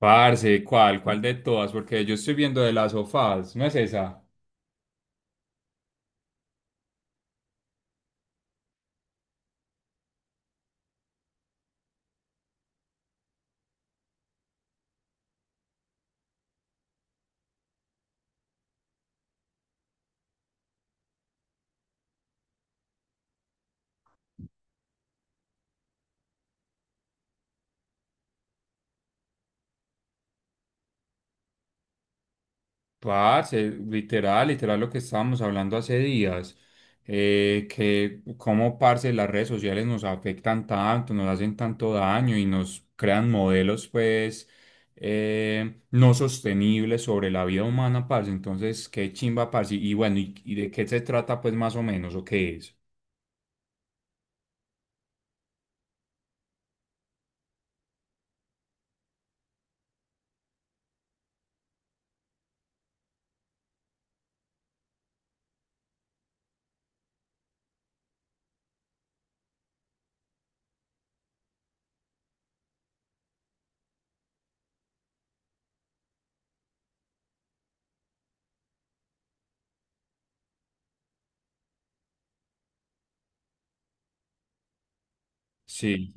Parce, ¿cuál? ¿Cuál de todas? Porque yo estoy viendo de las sofás, ¿no es esa? Parce, literal lo que estábamos hablando hace días, que cómo, parce, las redes sociales nos afectan tanto, nos hacen tanto daño y nos crean modelos, pues, no sostenibles sobre la vida humana, parce. Entonces, qué chimba, parce. Y bueno, ¿y de qué se trata, pues, más o menos, o qué es? Sí.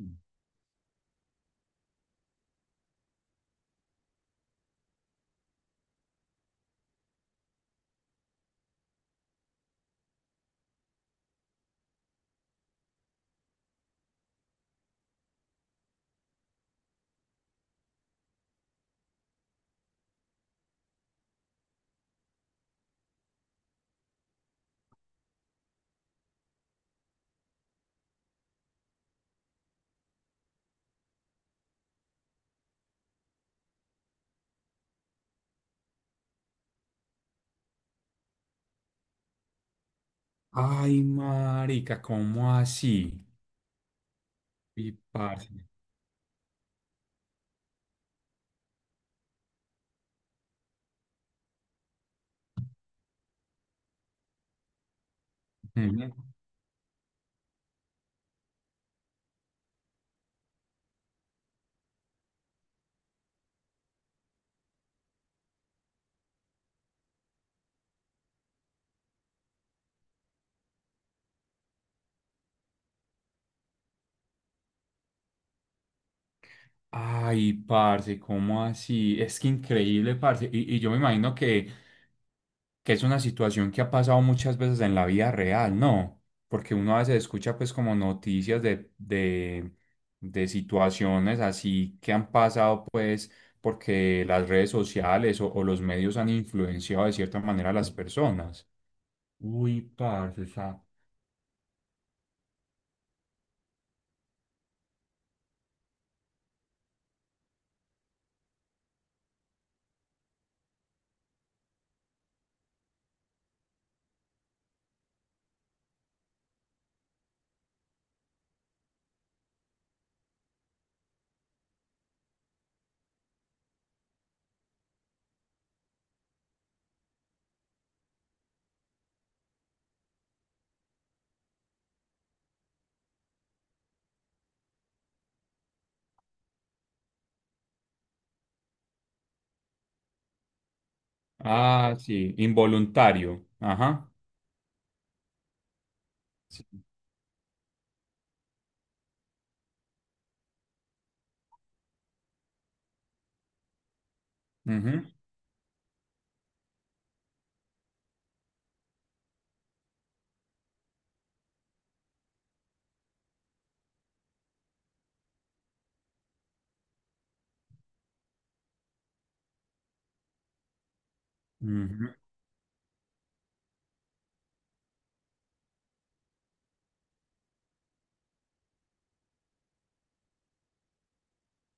Ay, marica, ¿cómo así? Y parce. Ujú. Ay, parce, ¿cómo así? Es que increíble, parce. Y yo me imagino que es una situación que ha pasado muchas veces en la vida real, ¿no? Porque uno a veces escucha pues como noticias de situaciones así que han pasado pues porque las redes sociales o los medios han influenciado de cierta manera a las personas. Uy, parce, esa. Ah, sí, involuntario. Ajá. Sí. Ujú, ujú.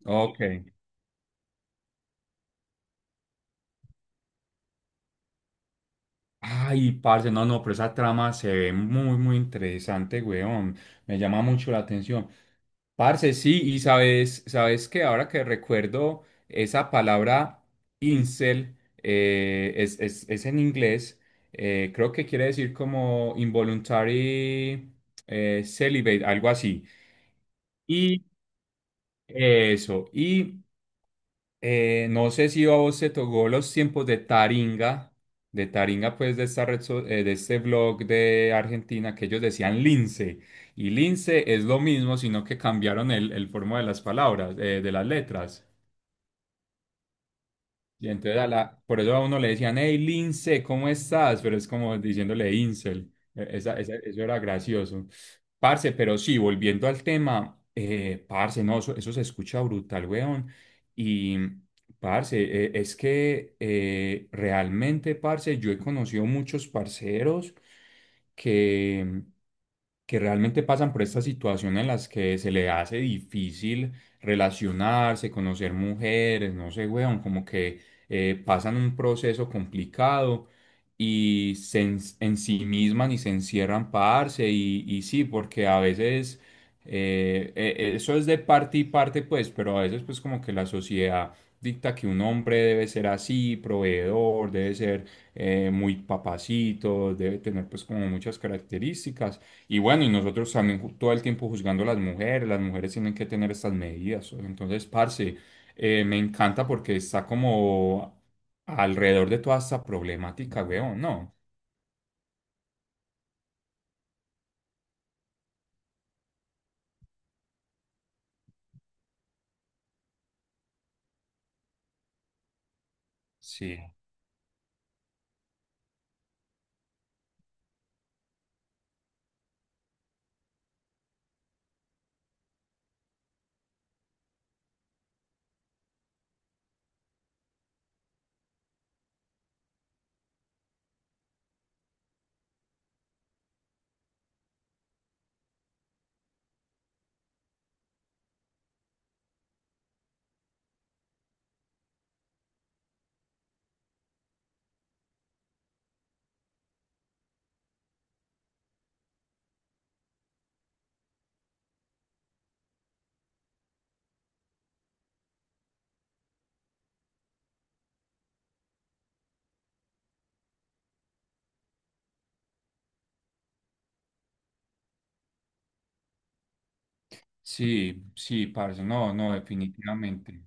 Ok. Ay, parce, no, no, pero esa trama se ve muy interesante, weón. Me llama mucho la atención. Parce, sí, y sabes que ahora que recuerdo esa palabra incel, es en inglés, creo que quiere decir como involuntary celibate, algo así. Y eso, y no sé si a vos te tocó los tiempos de Taringa, pues de esta red, de este blog de Argentina, que ellos decían lince. Y lince es lo mismo, sino que cambiaron el forma de las palabras, de las letras. Y entonces a la, por eso a uno le decían, hey Lince, ¿cómo estás? Pero es como diciéndole Incel. Eso era gracioso. Parce, pero sí, volviendo al tema, parce, no, eso se escucha brutal, weón. Y, parce, es que realmente, parce, yo he conocido muchos parceros que que realmente pasan por esta situación en las que se le hace difícil relacionarse, conocer mujeres, no sé, weón, como que pasan un proceso complicado y en sí mismas y se encierran para darse y sí, porque a veces eso es de parte y parte, pues, pero a veces pues como que la sociedad dicta que un hombre debe ser así, proveedor, debe ser muy papacito, debe tener pues como muchas características. Y bueno, y nosotros también todo el tiempo juzgando a las mujeres tienen que tener estas medidas. Entonces, parce, me encanta porque está como alrededor de toda esta problemática, weón, ¿no? Sí. Sí, sí, parce, no, no, definitivamente.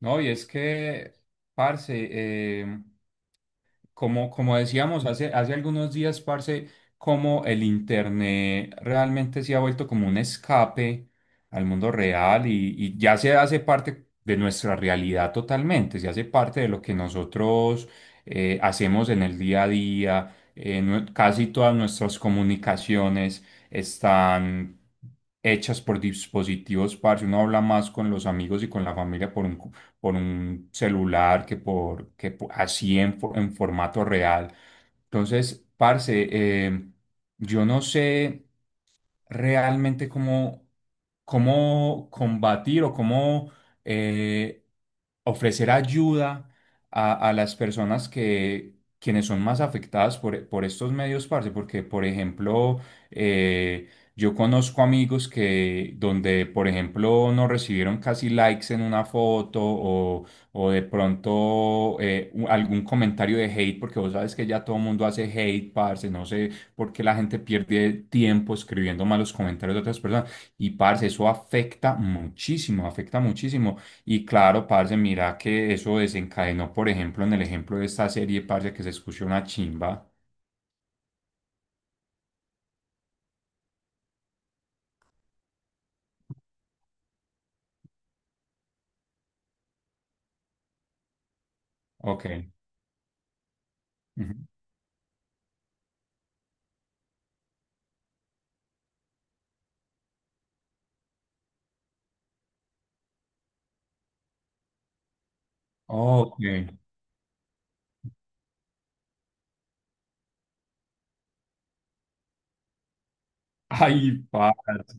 No, y es que, parce, eh, como, hace algunos días, parce, como el Internet realmente se ha vuelto como un escape al mundo real y ya se hace parte de nuestra realidad totalmente, se hace parte de lo que nosotros hacemos en el día a día, casi todas nuestras comunicaciones están hechas por dispositivos, parce, uno habla más con los amigos y con la familia por un celular que por que po- así en, fo- en formato real. Entonces, parce, yo no sé realmente cómo combatir o cómo eh, ofrecer ayuda a, quienes son más afectadas por estos medios, parce, porque, por ejemplo, eh, yo conozco amigos que donde, por ejemplo, no recibieron casi likes en una foto o de pronto algún comentario de hate, porque vos sabes que ya todo el mundo hace hate, parce, no sé porque la gente pierde tiempo escribiendo malos comentarios de otras personas. Y parce, eso afecta muchísimo, afecta muchísimo. Y claro, parce, mira que eso desencadenó, por ejemplo, en el ejemplo de esta serie, parce, que se escuchó una chimba. Ok. Ujú. Ok. Ay, parce.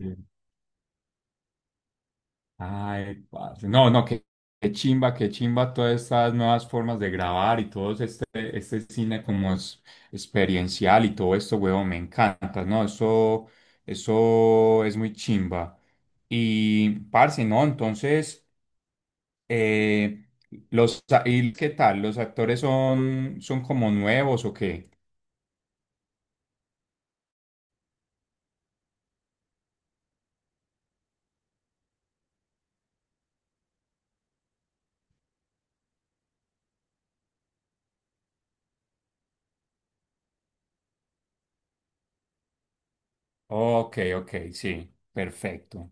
Ay, parce. No, no, qué, qué chimba todas estas nuevas formas de grabar y todo este, este cine como es experiencial y todo esto, huevón, me encanta, ¿no? Eso es muy chimba. Y, parce, ¿no? Entonces, eh, los, ¿y qué tal? Son como nuevos o qué? Ok, ok, sí, perfecto.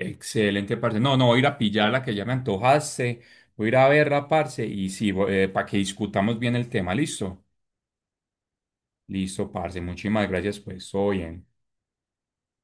Excelente, parce. No, no, voy a ir a pillarla que ya me antojaste. Voy a ir a verla, parce. Y sí, para que discutamos bien el tema. ¿Listo? Listo, parce. Muchísimas gracias, pues. Todo bien.